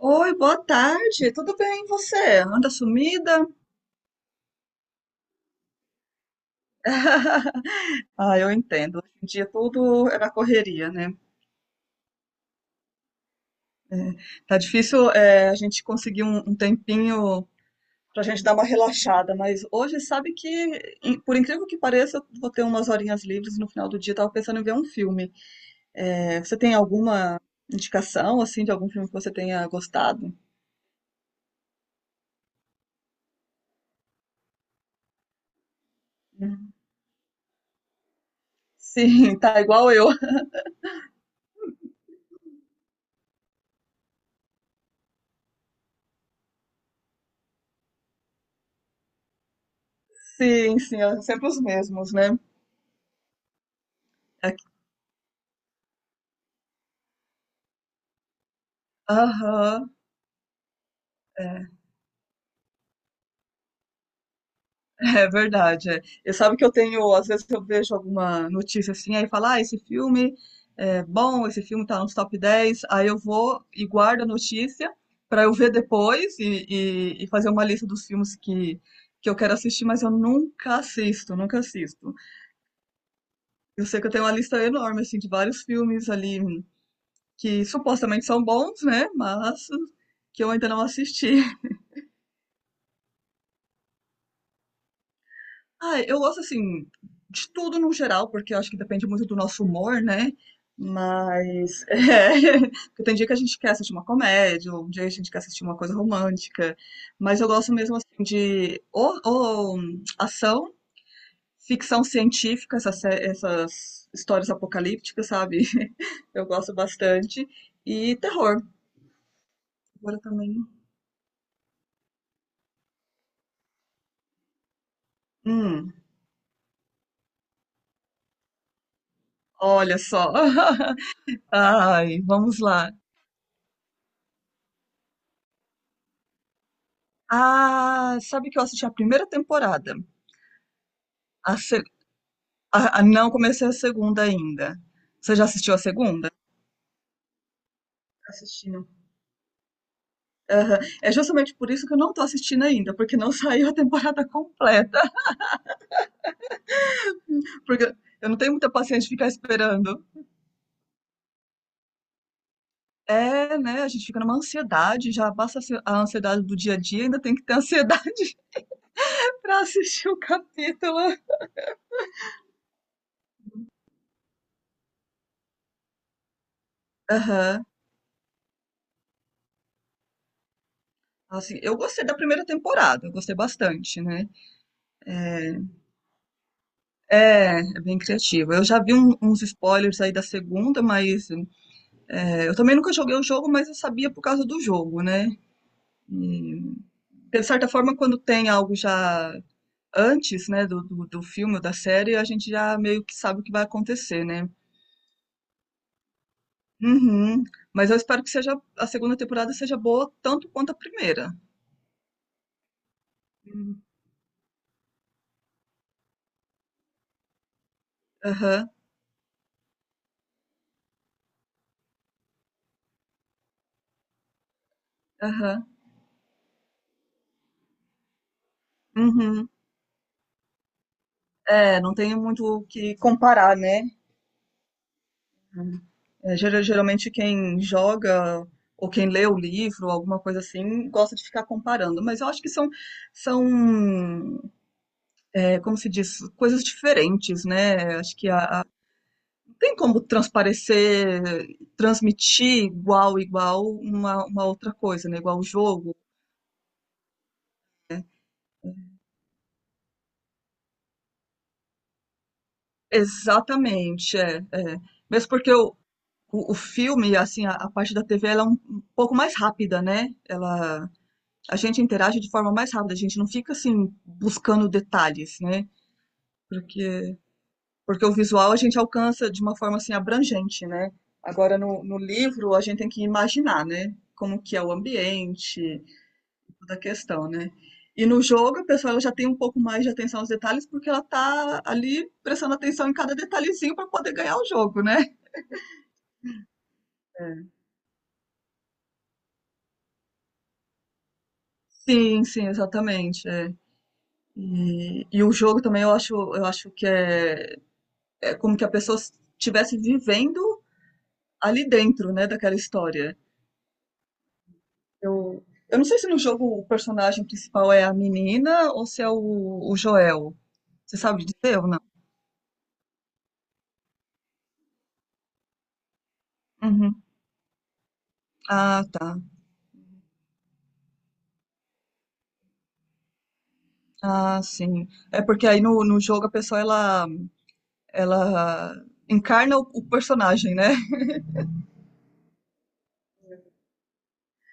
Oi, boa tarde. Tudo bem, e você? Anda sumida? Ah, eu entendo. Hoje em dia tudo é na correria, né? É, tá difícil, é, a gente conseguir um tempinho pra gente dar uma relaxada, mas hoje sabe que, por incrível que pareça, eu vou ter umas horinhas livres no final do dia. Tava pensando em ver um filme. É, você tem alguma indicação, assim, de algum filme que você tenha gostado? Hum. Sim, tá igual eu. Sim, sim, é sempre os mesmos, né? É- que- Aham. É. É verdade, é. E sabe que eu tenho, às vezes eu vejo alguma notícia assim, aí fala, ah, esse filme é bom, esse filme tá nos top 10. Aí eu vou e guardo a notícia pra eu ver depois e fazer uma lista dos filmes que eu quero assistir, mas eu nunca assisto, nunca assisto. Eu sei que eu tenho uma lista enorme, assim, de vários filmes ali que supostamente são bons, né, mas que eu ainda não assisti. Ah, eu gosto assim de tudo no geral, porque eu acho que depende muito do nosso humor, né? Mas é, porque tem dia que a gente quer assistir uma comédia, ou um dia a gente quer assistir uma coisa romântica, mas eu gosto mesmo assim de ação, ficção científica, essas, essas histórias apocalípticas, sabe? Eu gosto bastante. E terror. Agora também. Hum, olha só. Ai, vamos lá. Ah, sabe que eu assisti a primeira temporada. A se- a- Não comecei a segunda ainda. Você já assistiu a segunda? Assistindo. Aham. É justamente por isso que eu não tô assistindo ainda, porque não saiu a temporada completa. Porque eu não tenho muita paciência de ficar esperando. É, né? A gente fica numa ansiedade, já passa a ansiedade do dia a dia, ainda tem que ter ansiedade pra assistir o capítulo. Aham. Assim, eu gostei da primeira temporada, eu gostei bastante, né? É, é bem criativo. Eu já vi um- uns spoilers aí da segunda, mas é, eu também nunca joguei o jogo, mas eu sabia por causa do jogo, né? E, de certa forma, quando tem algo já antes, né, do filme ou da série, a gente já meio que sabe o que vai acontecer, né? Uhum. Mas eu espero que seja a segunda temporada seja boa tanto quanto a primeira. Uhum. Aham, aham. Uhum. É, não tenho muito o que comparar, né? É, geralmente quem joga ou quem lê o livro, alguma coisa assim, gosta de ficar comparando. Mas eu acho que são, são, é, como se diz, coisas diferentes, né? Acho que não tem como transparecer, transmitir igual, igual uma outra coisa, né? Igual o jogo. Exatamente, é, é. Mesmo porque o filme, assim, a parte da TV, ela é um pouco mais rápida, né? Ela a gente interage de forma mais rápida, a gente não fica assim buscando detalhes, né? Porque, porque o visual a gente alcança de uma forma assim abrangente, né? Agora no livro a gente tem que imaginar, né? Como que é o ambiente, toda a questão, né? E no jogo a pessoa ela já tem um pouco mais de atenção aos detalhes porque ela tá ali prestando atenção em cada detalhezinho para poder ganhar o jogo, né? É. Sim, sim, exatamente. É. E o jogo também eu acho que é é como que a pessoa estivesse vivendo ali dentro, né, daquela história. Eu, eu não sei se no jogo o personagem principal é a menina ou se é o Joel. Você sabe dizer ou não? Uhum. Ah, tá. Ah, sim. É porque aí no jogo a pessoa ela, ela encarna o personagem, né?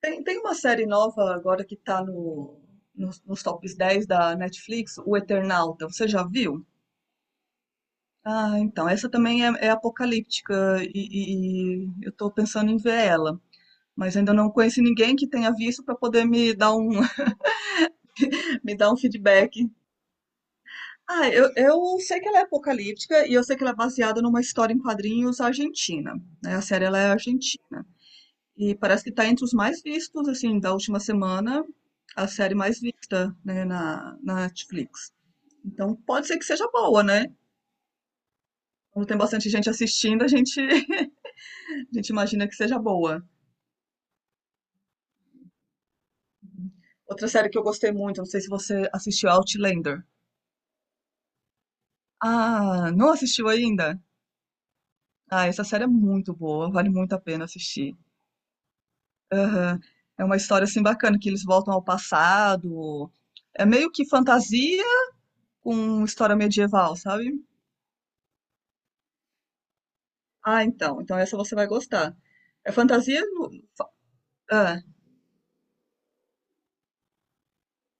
Tem, tem uma série nova agora que tá no, nos, nos tops 10 da Netflix, O Eternauta. Você já viu? Ah, então, essa também é, é apocalíptica e, e eu tô pensando em ver ela. Mas ainda não conheci ninguém que tenha visto para poder me dar um, me dar um feedback. Ah, eu sei que ela é apocalíptica e eu sei que ela é baseada numa história em quadrinhos argentina, né? A série ela é argentina. E parece que está entre os mais vistos, assim, da última semana, a série mais vista, né, na Netflix. Então pode ser que seja boa, né? Como tem bastante gente assistindo, a gente, a gente imagina que seja boa. Outra série que eu gostei muito, não sei se você assistiu Outlander. Ah, não assistiu ainda? Ah, essa série é muito boa, vale muito a pena assistir. Aham. É uma história assim bacana, que eles voltam ao passado. É meio que fantasia com história medieval, sabe? Ah, então. Então essa você vai gostar. É fantasia? Ah,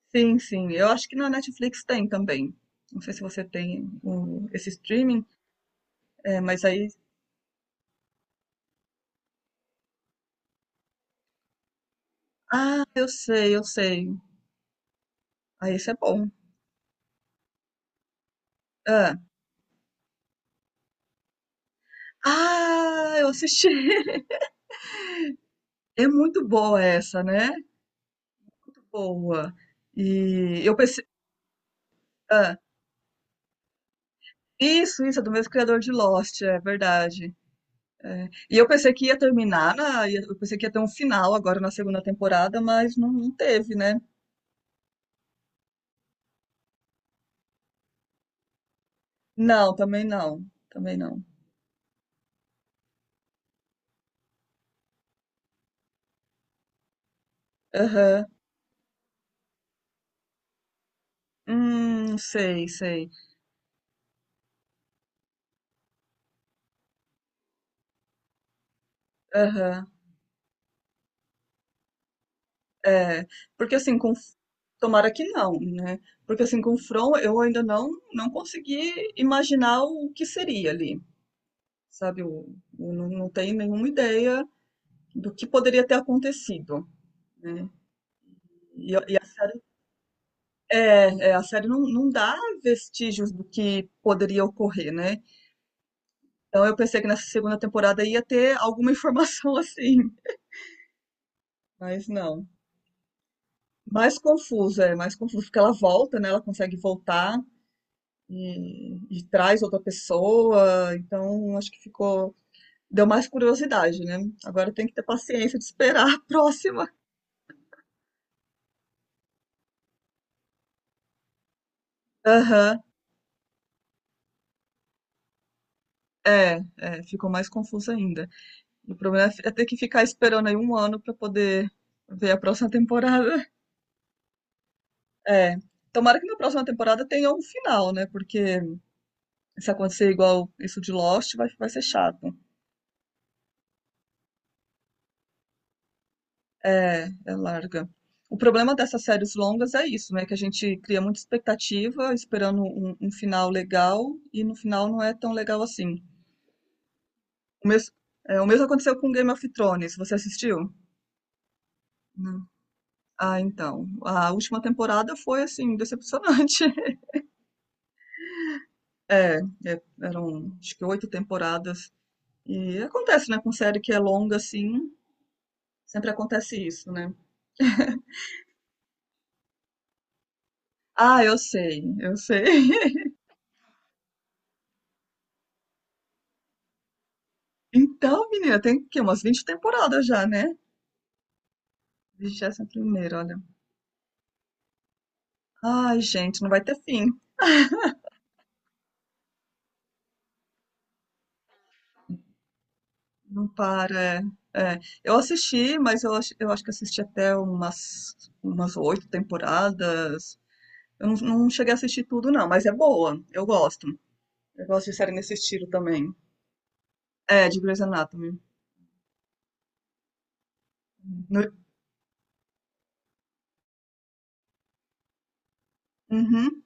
sim, sim. Eu acho que na Netflix tem também. Não sei se você tem o- esse streaming, é, mas aí. Ah, eu sei, eu sei. Ah, esse é bom. Ah, ah, eu assisti. É muito boa essa, né? Muito boa. E eu pensei. Ah, isso, é do mesmo criador de Lost, é verdade. É. E eu pensei que ia terminar, eu pensei que ia ter um final agora na segunda temporada, mas não, não teve, né? Não, também não. Também não. Aham. Sei, sei. Aham. É. Porque assim, com. Tomara que não, né? Porque assim, com o From eu ainda não, não consegui imaginar o que seria ali. Sabe? Eu não, não tenho nenhuma ideia do que poderia ter acontecido, né? E a série, é, é, a série não, não dá vestígios do que poderia ocorrer, né? Então eu pensei que nessa segunda temporada ia ter alguma informação assim, mas não. Mais confuso, é, mais confuso, porque ela volta, né? Ela consegue voltar e traz outra pessoa, então acho que ficou. Deu mais curiosidade, né? Agora tem que ter paciência de esperar a próxima. Aham. É, é, ficou mais confuso ainda. O problema é é ter que ficar esperando aí um ano pra poder ver a próxima temporada. É. Tomara que na próxima temporada tenha um final, né? Porque se acontecer igual isso de Lost, vai, vai ser chato. É, é larga. O problema dessas séries longas é isso, né? Que a gente cria muita expectativa, esperando um final legal, e no final não é tão legal assim. O mes- É, o mesmo aconteceu com Game of Thrones, você assistiu? Ah, então, a última temporada foi, assim, decepcionante. É, é, eram acho que 8 temporadas. E acontece, né, com série que é longa, assim, sempre acontece isso, né? Ah, eu sei, eu sei. Então, menina, tem que umas 20 temporadas já, né? 21ª, olha. Ai, gente, não vai ter fim. Não para. É. É, eu assisti, mas eu acho que assisti até umas umas 8 temporadas. Eu não, não cheguei a assistir tudo, não, mas é boa. Eu gosto. Eu gosto de série nesse estilo também. É, de Grey's Anatomy. No- Uhum.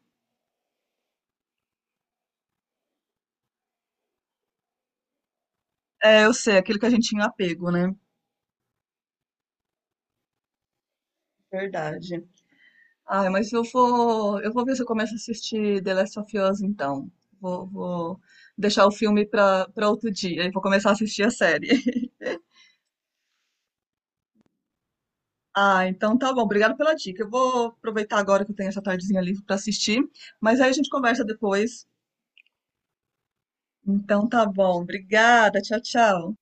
É, eu sei, aquele que a gente tinha um apego, né? Verdade. Ah, mas eu vou ver se eu começo a assistir The Last of Us, então. Vou, vou deixar o filme pra, pra outro dia e vou começar a assistir a série. Ah, então tá bom. Obrigado pela dica. Eu vou aproveitar agora que eu tenho essa tardezinha livre pra assistir, mas aí a gente conversa depois. Então tá bom. Obrigada. Tchau, tchau.